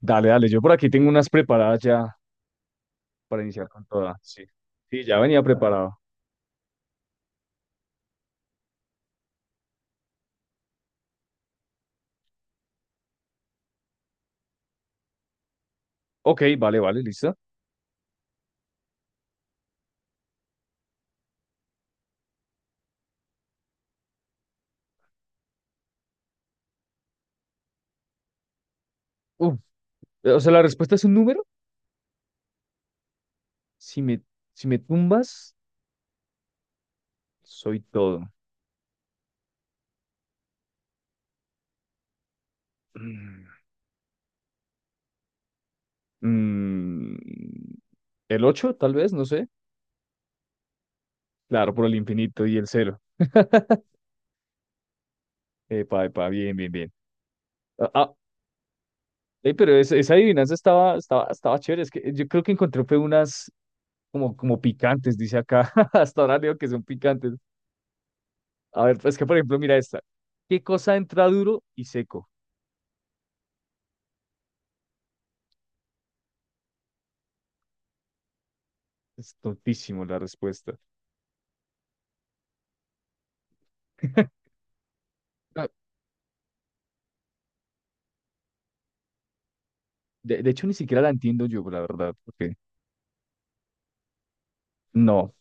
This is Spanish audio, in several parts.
Dale, dale, yo por aquí tengo unas preparadas ya para iniciar con todas. Sí, sí, ya venía preparado. Ok, vale, vale, listo. Uf, o sea, la respuesta es un número. Si me, si me tumbas, soy todo. Mm, mm, el 8, tal vez, no sé. Claro, por el infinito y el cero. Epa, epa, bien, bien, bien. Ah, ah, ey, pero esa adivinanza estaba chévere. Es que yo creo que encontré fue unas como picantes, dice acá. Hasta ahora leo que son picantes. A ver, es que por ejemplo, mira esta. ¿Qué cosa entra duro y seco? Es tontísimo la respuesta. Ah, de hecho, ni siquiera la entiendo yo, la verdad, porque no.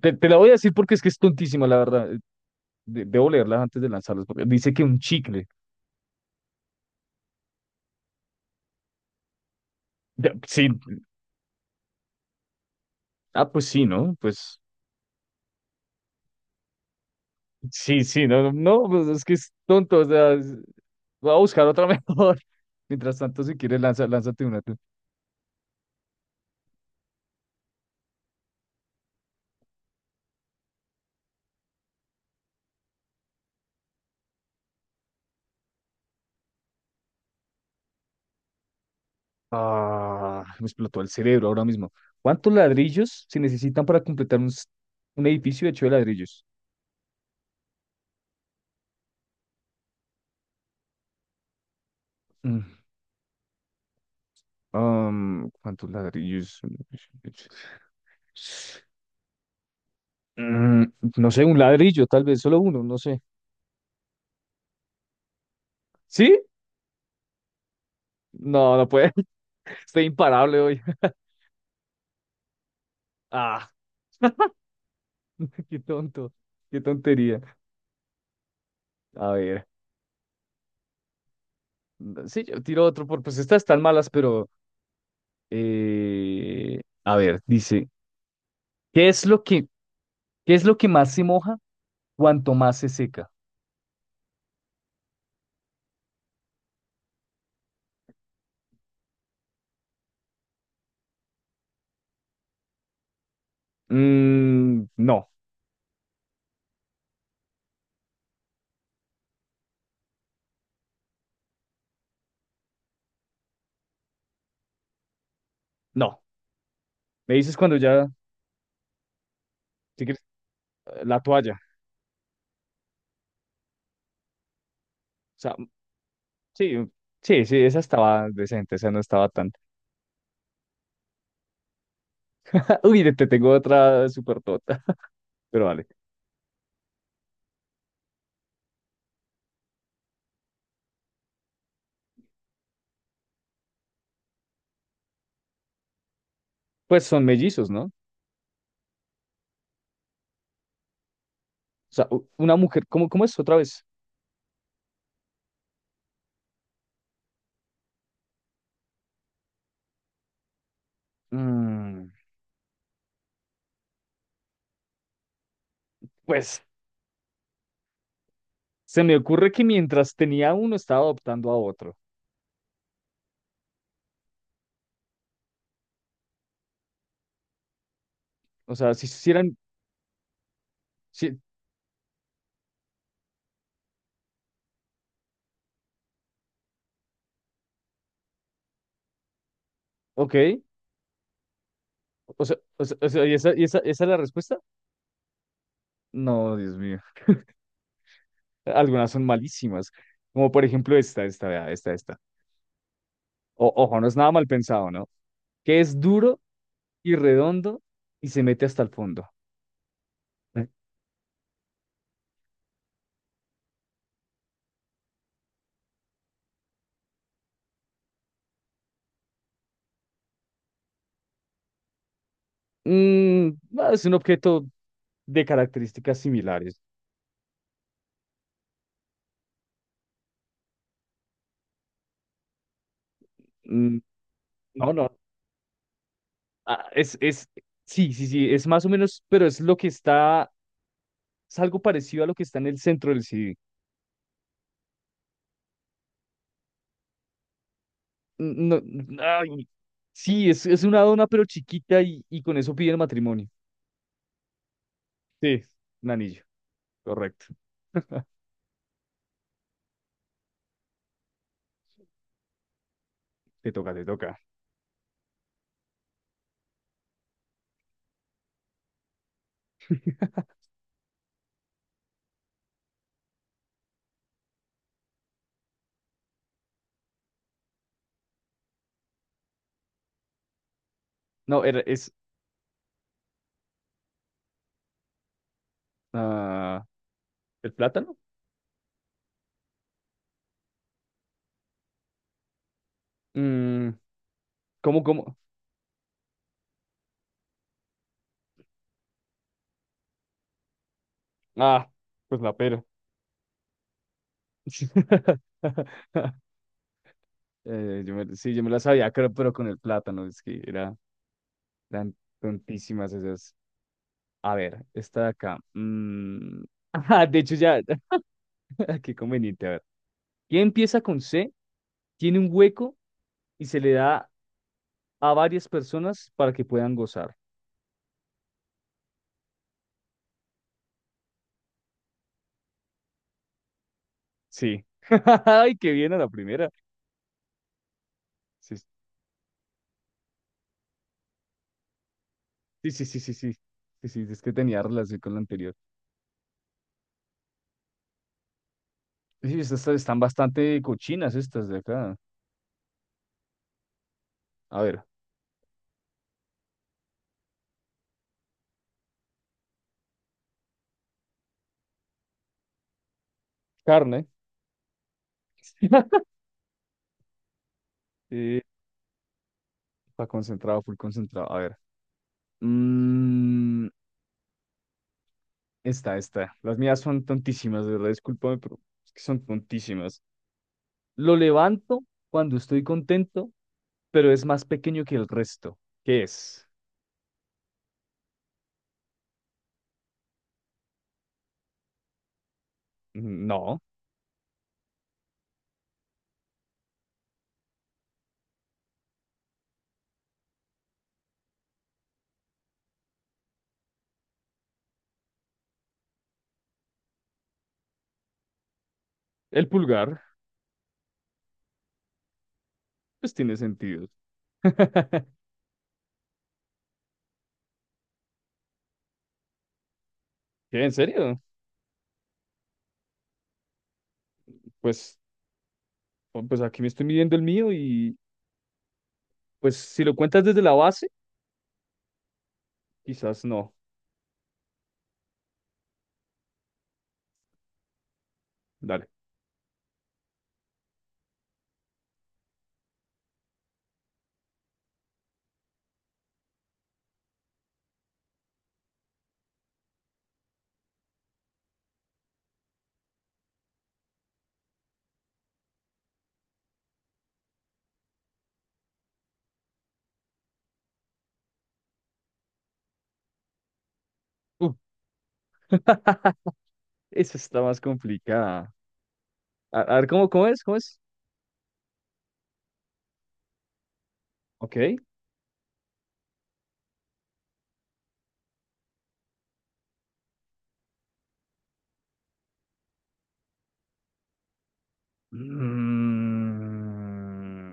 Te la voy a decir porque es que es tontísima, la verdad. Debo leerla antes de lanzarlas, porque dice que un chicle. Ya, sí, pues sí, ¿no? Pues sí, sí, no, no, pues es que es tonto, o sea, voy a buscar otra mejor. Mientras tanto, si quieres, lánzate una tú. Ah, me explotó el cerebro ahora mismo. ¿Cuántos ladrillos se necesitan para completar un edificio hecho de ladrillos? Mm, ¿Cuántos ladrillos? Mm, no sé, un ladrillo, tal vez, solo uno, no sé. ¿Sí? No, no puede. Estoy imparable hoy. Ah, qué tonto, qué tontería. A ver, sí, yo tiro otro, pues estas están malas, pero a ver, dice, ¿qué es lo que, qué es lo que más se moja cuanto más se seca? Mm, no, no. Me dices cuando ya, si quieres, la toalla. O sea, sí, sí, sí, esa estaba decente, esa no estaba tan. Uy, te tengo otra súper tota, pero vale. Pues son mellizos, ¿no? O sea, una mujer, ¿cómo es otra vez? Mm, pues se me ocurre que mientras tenía uno estaba adoptando a otro. O sea, si hicieran, sí, ok. O sea, o sea, o sea, ¿esa es la respuesta? No, Dios mío. Algunas son malísimas, como por ejemplo esta, esta, vea, esta, esta. Ojo, no es nada mal pensado, ¿no? Que es duro y redondo y se mete hasta el fondo. Mm, no, es un objeto de características similares. Mm, no, no. Ah, sí, sí, sí, es más o menos, pero es lo que está, es algo parecido a lo que está en el centro del CD. Mm, no, ay, sí, es una dona, pero chiquita y con eso piden matrimonio. Sí, un anillo. Correcto. Te toca, te toca. No, ah, el plátano. Mm, ¿Cómo, cómo? Ah, pues la pera. Sí, yo me la sabía, creo, pero con el plátano, es que eran tontísimas esas. A ver, esta de acá. Ajá, de hecho, ya, qué conveniente. A ver, ¿quién empieza con C? Tiene un hueco y se le da a varias personas para que puedan gozar. Sí. Ay, qué bien a la primera. Sí, sí, sí, sí, sí. Sí, sí, sí, es que tenía relación con la anterior. Sí, estas están bastante cochinas estas de acá. A ver, carne. Eh, Está concentrado, full concentrado. A ver. Mm, esta, esta. Las mías son tontísimas, de verdad, discúlpame, pero es que son tontísimas. Lo levanto cuando estoy contento, pero es más pequeño que el resto. ¿Qué es? Mm, no. El pulgar, pues tiene sentido. ¿Qué, en serio? Pues, oh, pues aquí me estoy midiendo el mío y pues si lo cuentas desde la base, quizás no. Dale. Uf, esa está más complicada. A ver, ¿cómo es? ¿Cómo es? Ok. Mm,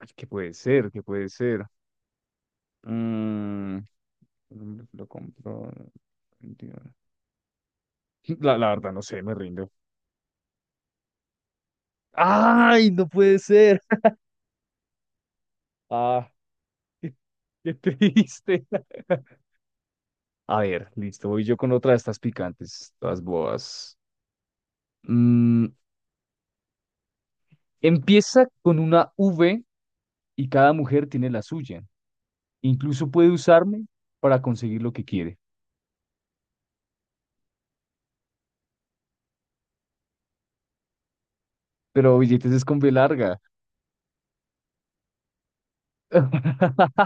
ay, ¿qué puede ser? ¿Qué puede ser? Mm, lo compro. 21. La verdad, no sé, me rindo. ¡Ay, no puede ser! Ah, qué, qué triste. A ver, listo, voy yo con otra de estas picantes, todas boas. Mm, Empieza con una V y cada mujer tiene la suya. Incluso puede usarme para conseguir lo que quiere. Pero billetes es con B larga.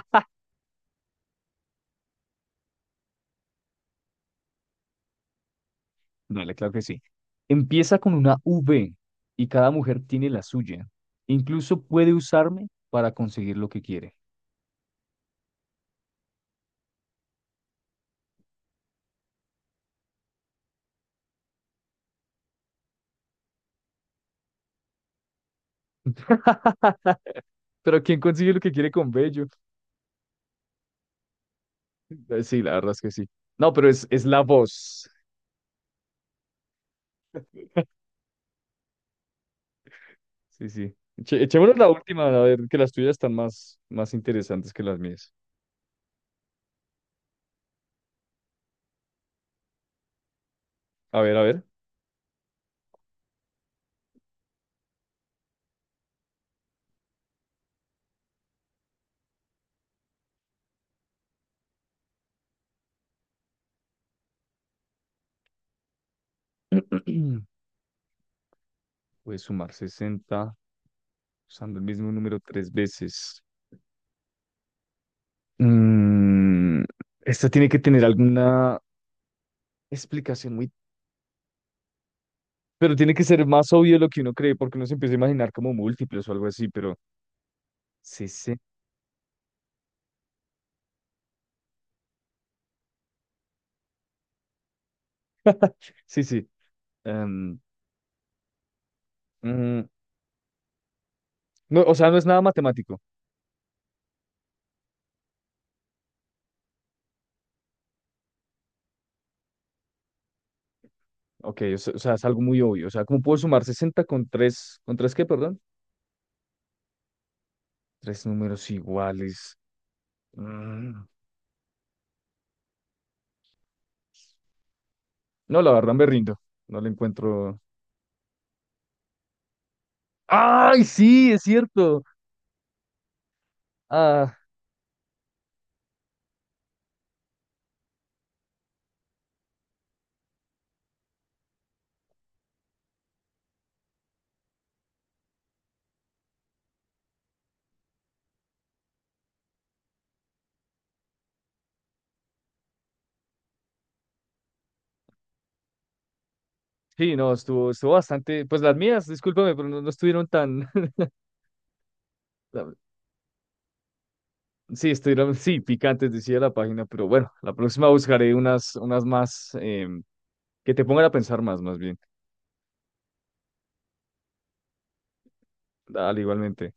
No, claro que sí. Empieza con una V y cada mujer tiene la suya. Incluso puede usarme para conseguir lo que quiere. Pero ¿quién consigue lo que quiere con Bello? Sí, la verdad es que sí. No, pero es la voz. Sí, sí. Echémonos la última, a ver, que las tuyas están más, más interesantes que las mías. A ver, a ver. Puedes sumar 60 usando el mismo número tres veces. Mm, Esta tiene que tener alguna explicación muy... Pero tiene que ser más obvio de lo que uno cree, porque uno se empieza a imaginar como múltiples o algo así, pero sí, sí, sí, sí. Em, mm, no, o sea, no es nada matemático. Ok, o sea, es algo muy obvio. O sea, ¿cómo puedo sumar 60 con 3 qué, perdón? Tres números iguales. Mm. No, la verdad me rindo. No le encuentro. ¡Ay, sí, es cierto! Ah, sí, no, estuvo bastante. Pues las mías, discúlpame, pero no, no estuvieron tan. la- Sí, estuvieron, sí, picantes, decía la página, pero bueno, la próxima buscaré unas más que te pongan a pensar más bien. Dale, igualmente.